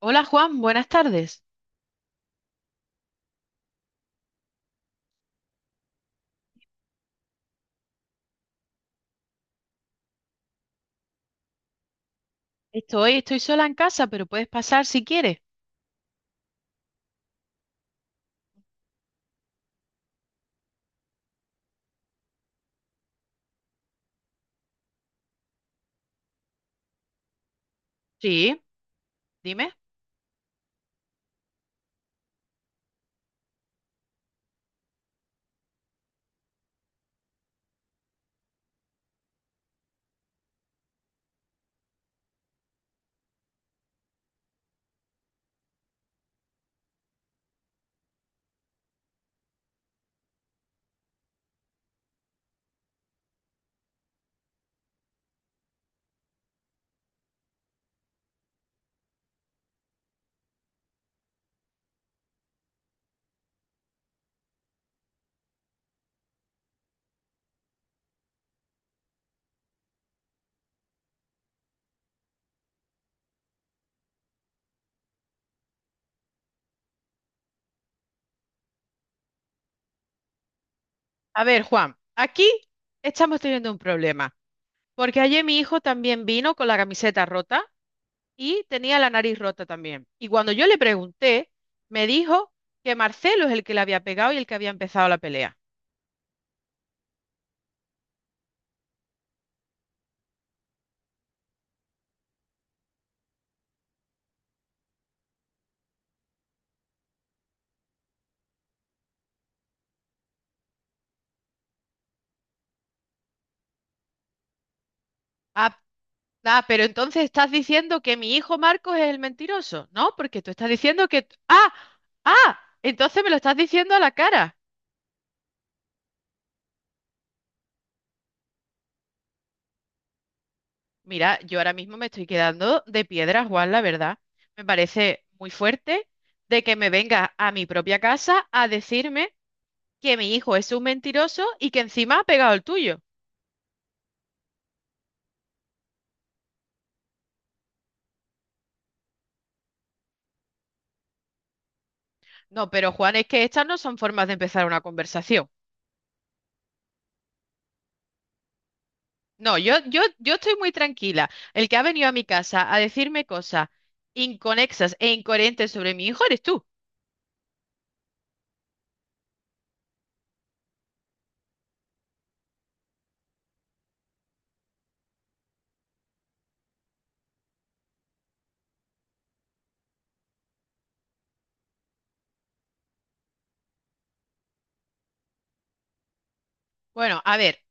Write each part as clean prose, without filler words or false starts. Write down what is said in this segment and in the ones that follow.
Hola Juan, buenas tardes. Estoy sola en casa, pero puedes pasar si quieres. Sí, dime. A ver, Juan, aquí estamos teniendo un problema, porque ayer mi hijo también vino con la camiseta rota y tenía la nariz rota también. Y cuando yo le pregunté, me dijo que Marcelo es el que le había pegado y el que había empezado la pelea. Ah, ah, pero entonces estás diciendo que mi hijo Marcos es el mentiroso, ¿no? Porque tú estás diciendo que... ah, ah, entonces me lo estás diciendo a la cara. Mira, yo ahora mismo me estoy quedando de piedra, Juan, la verdad. Me parece muy fuerte de que me venga a mi propia casa a decirme que mi hijo es un mentiroso y que encima ha pegado el tuyo. No, pero Juan, es que estas no son formas de empezar una conversación. No, yo estoy muy tranquila. El que ha venido a mi casa a decirme cosas inconexas e incoherentes sobre mi hijo eres tú. Bueno, a ver,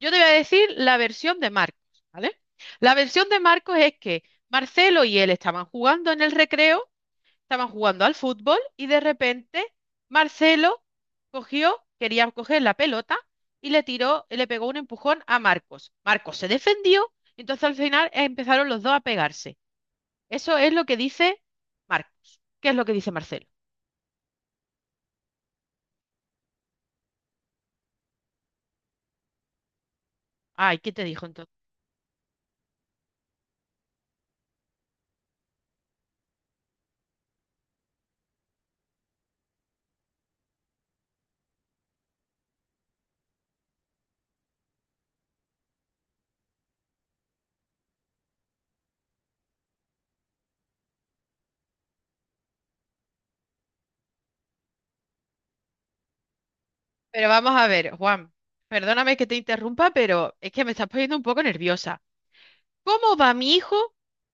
yo te voy a decir la versión de Marcos, ¿vale? La versión de Marcos es que Marcelo y él estaban jugando en el recreo, estaban jugando al fútbol y de repente Marcelo cogió, quería coger la pelota y le tiró, le pegó un empujón a Marcos. Marcos se defendió, entonces al final empezaron los dos a pegarse. Eso es lo que dice Marcos. ¿Qué es lo que dice Marcelo? Ay, ¿qué te dijo entonces? Pero vamos a ver, Juan, perdóname que te interrumpa, pero es que me estás poniendo un poco nerviosa. ¿Cómo va mi hijo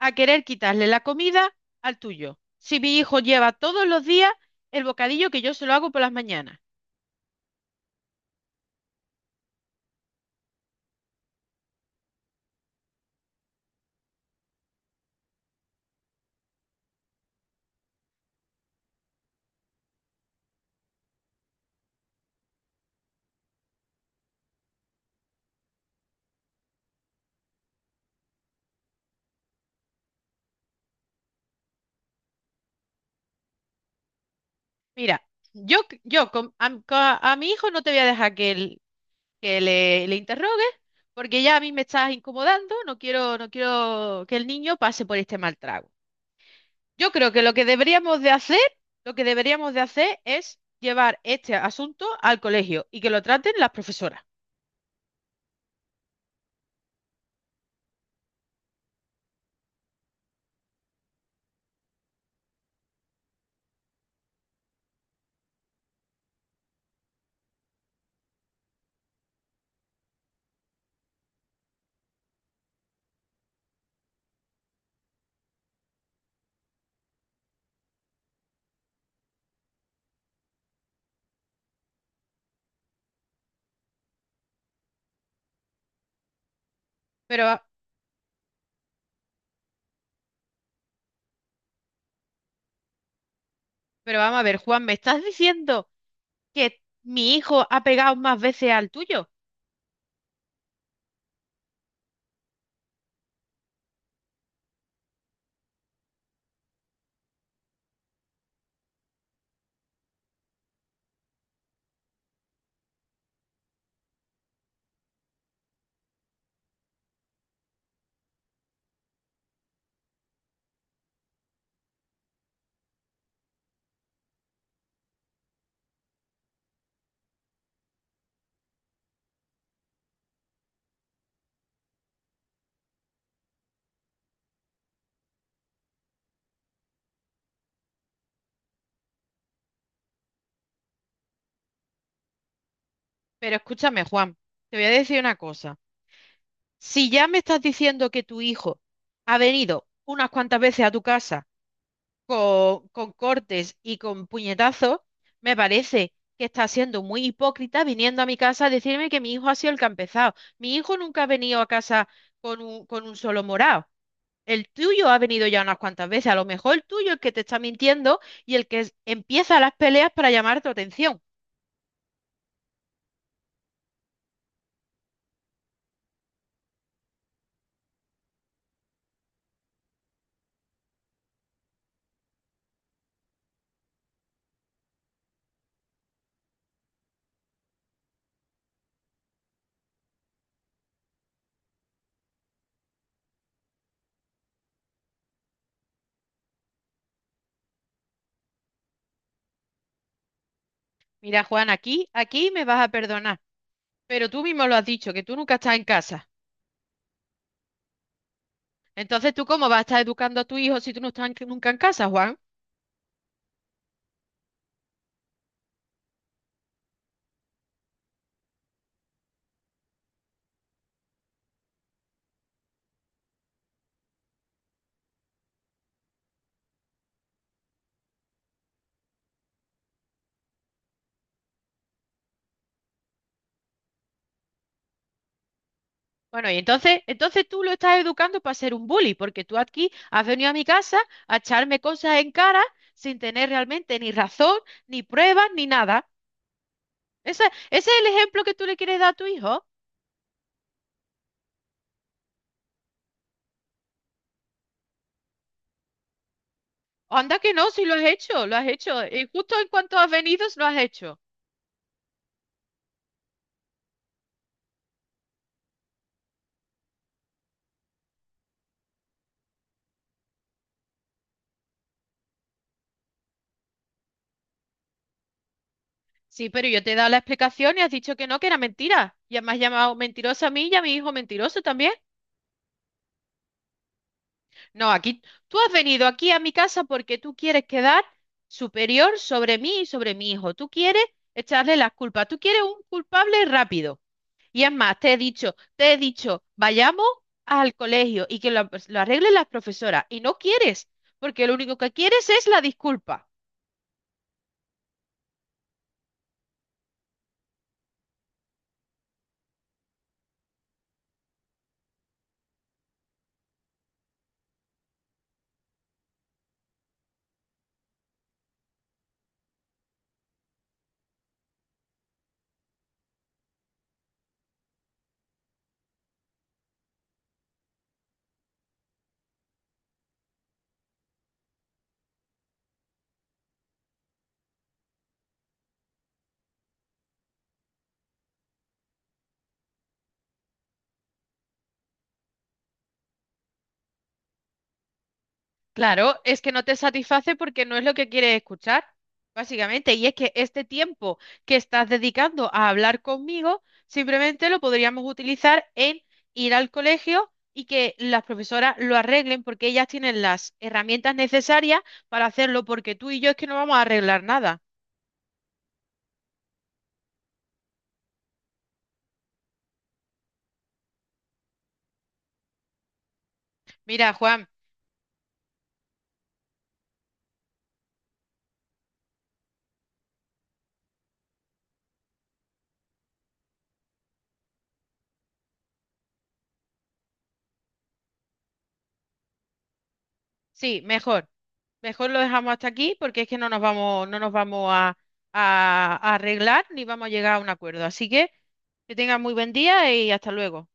a querer quitarle la comida al tuyo? Si mi hijo lleva todos los días el bocadillo que yo se lo hago por las mañanas. Mira, yo con- a mi hijo no te voy a dejar que le interrogues, porque ya a mí me estás incomodando, no quiero que el niño pase por este mal trago. Yo creo que lo que deberíamos de hacer es llevar este asunto al colegio y que lo traten las profesoras. Pero, pero vamos a ver, Juan, me estás diciendo que mi hijo ha pegado más veces al tuyo. Pero escúchame, Juan, te voy a decir una cosa. Si ya me estás diciendo que tu hijo ha venido unas cuantas veces a tu casa, con cortes y con puñetazos, me parece que está siendo muy hipócrita viniendo a mi casa a decirme que mi hijo ha sido el que ha empezado. Mi hijo nunca ha venido a casa con un solo morado. El tuyo ha venido ya unas cuantas veces. A lo mejor el tuyo es el que te está mintiendo y el que empieza las peleas para llamar tu atención. Mira, Juan, aquí me vas a perdonar. Pero tú mismo lo has dicho, que tú nunca estás en casa. Entonces, ¿tú cómo vas a estar educando a tu hijo si tú no estás en- nunca en casa, Juan? Bueno, y entonces tú lo estás educando para ser un bully, porque tú aquí has venido a mi casa a echarme cosas en cara sin tener realmente ni razón, ni pruebas, ni nada. ¿Ese, ese es el ejemplo que tú le quieres dar a tu hijo? Anda que no, si lo has hecho, lo has hecho. Y justo en cuanto has venido, lo has hecho. Sí, pero yo te he dado la explicación y has dicho que no, que era mentira. Y además llamado mentirosa a mí y a mi hijo mentiroso también. No, aquí tú has venido aquí a mi casa porque tú quieres quedar superior sobre mí y sobre mi hijo. Tú quieres echarle las culpas. Tú quieres un culpable rápido. Y es más, te he dicho, vayamos al colegio y que lo arreglen las profesoras. Y no quieres, porque lo único que quieres es la disculpa. Claro, es que no te satisface porque no es lo que quieres escuchar, básicamente. Y es que este tiempo que estás dedicando a hablar conmigo, simplemente lo podríamos utilizar en ir al colegio y que las profesoras lo arreglen porque ellas tienen las herramientas necesarias para hacerlo, porque tú y yo es que no vamos a arreglar nada. Mira, Juan, sí, mejor. Mejor lo dejamos hasta aquí porque es que no nos vamos a, a arreglar ni vamos a llegar a un acuerdo. Así que tengas muy buen día y hasta luego.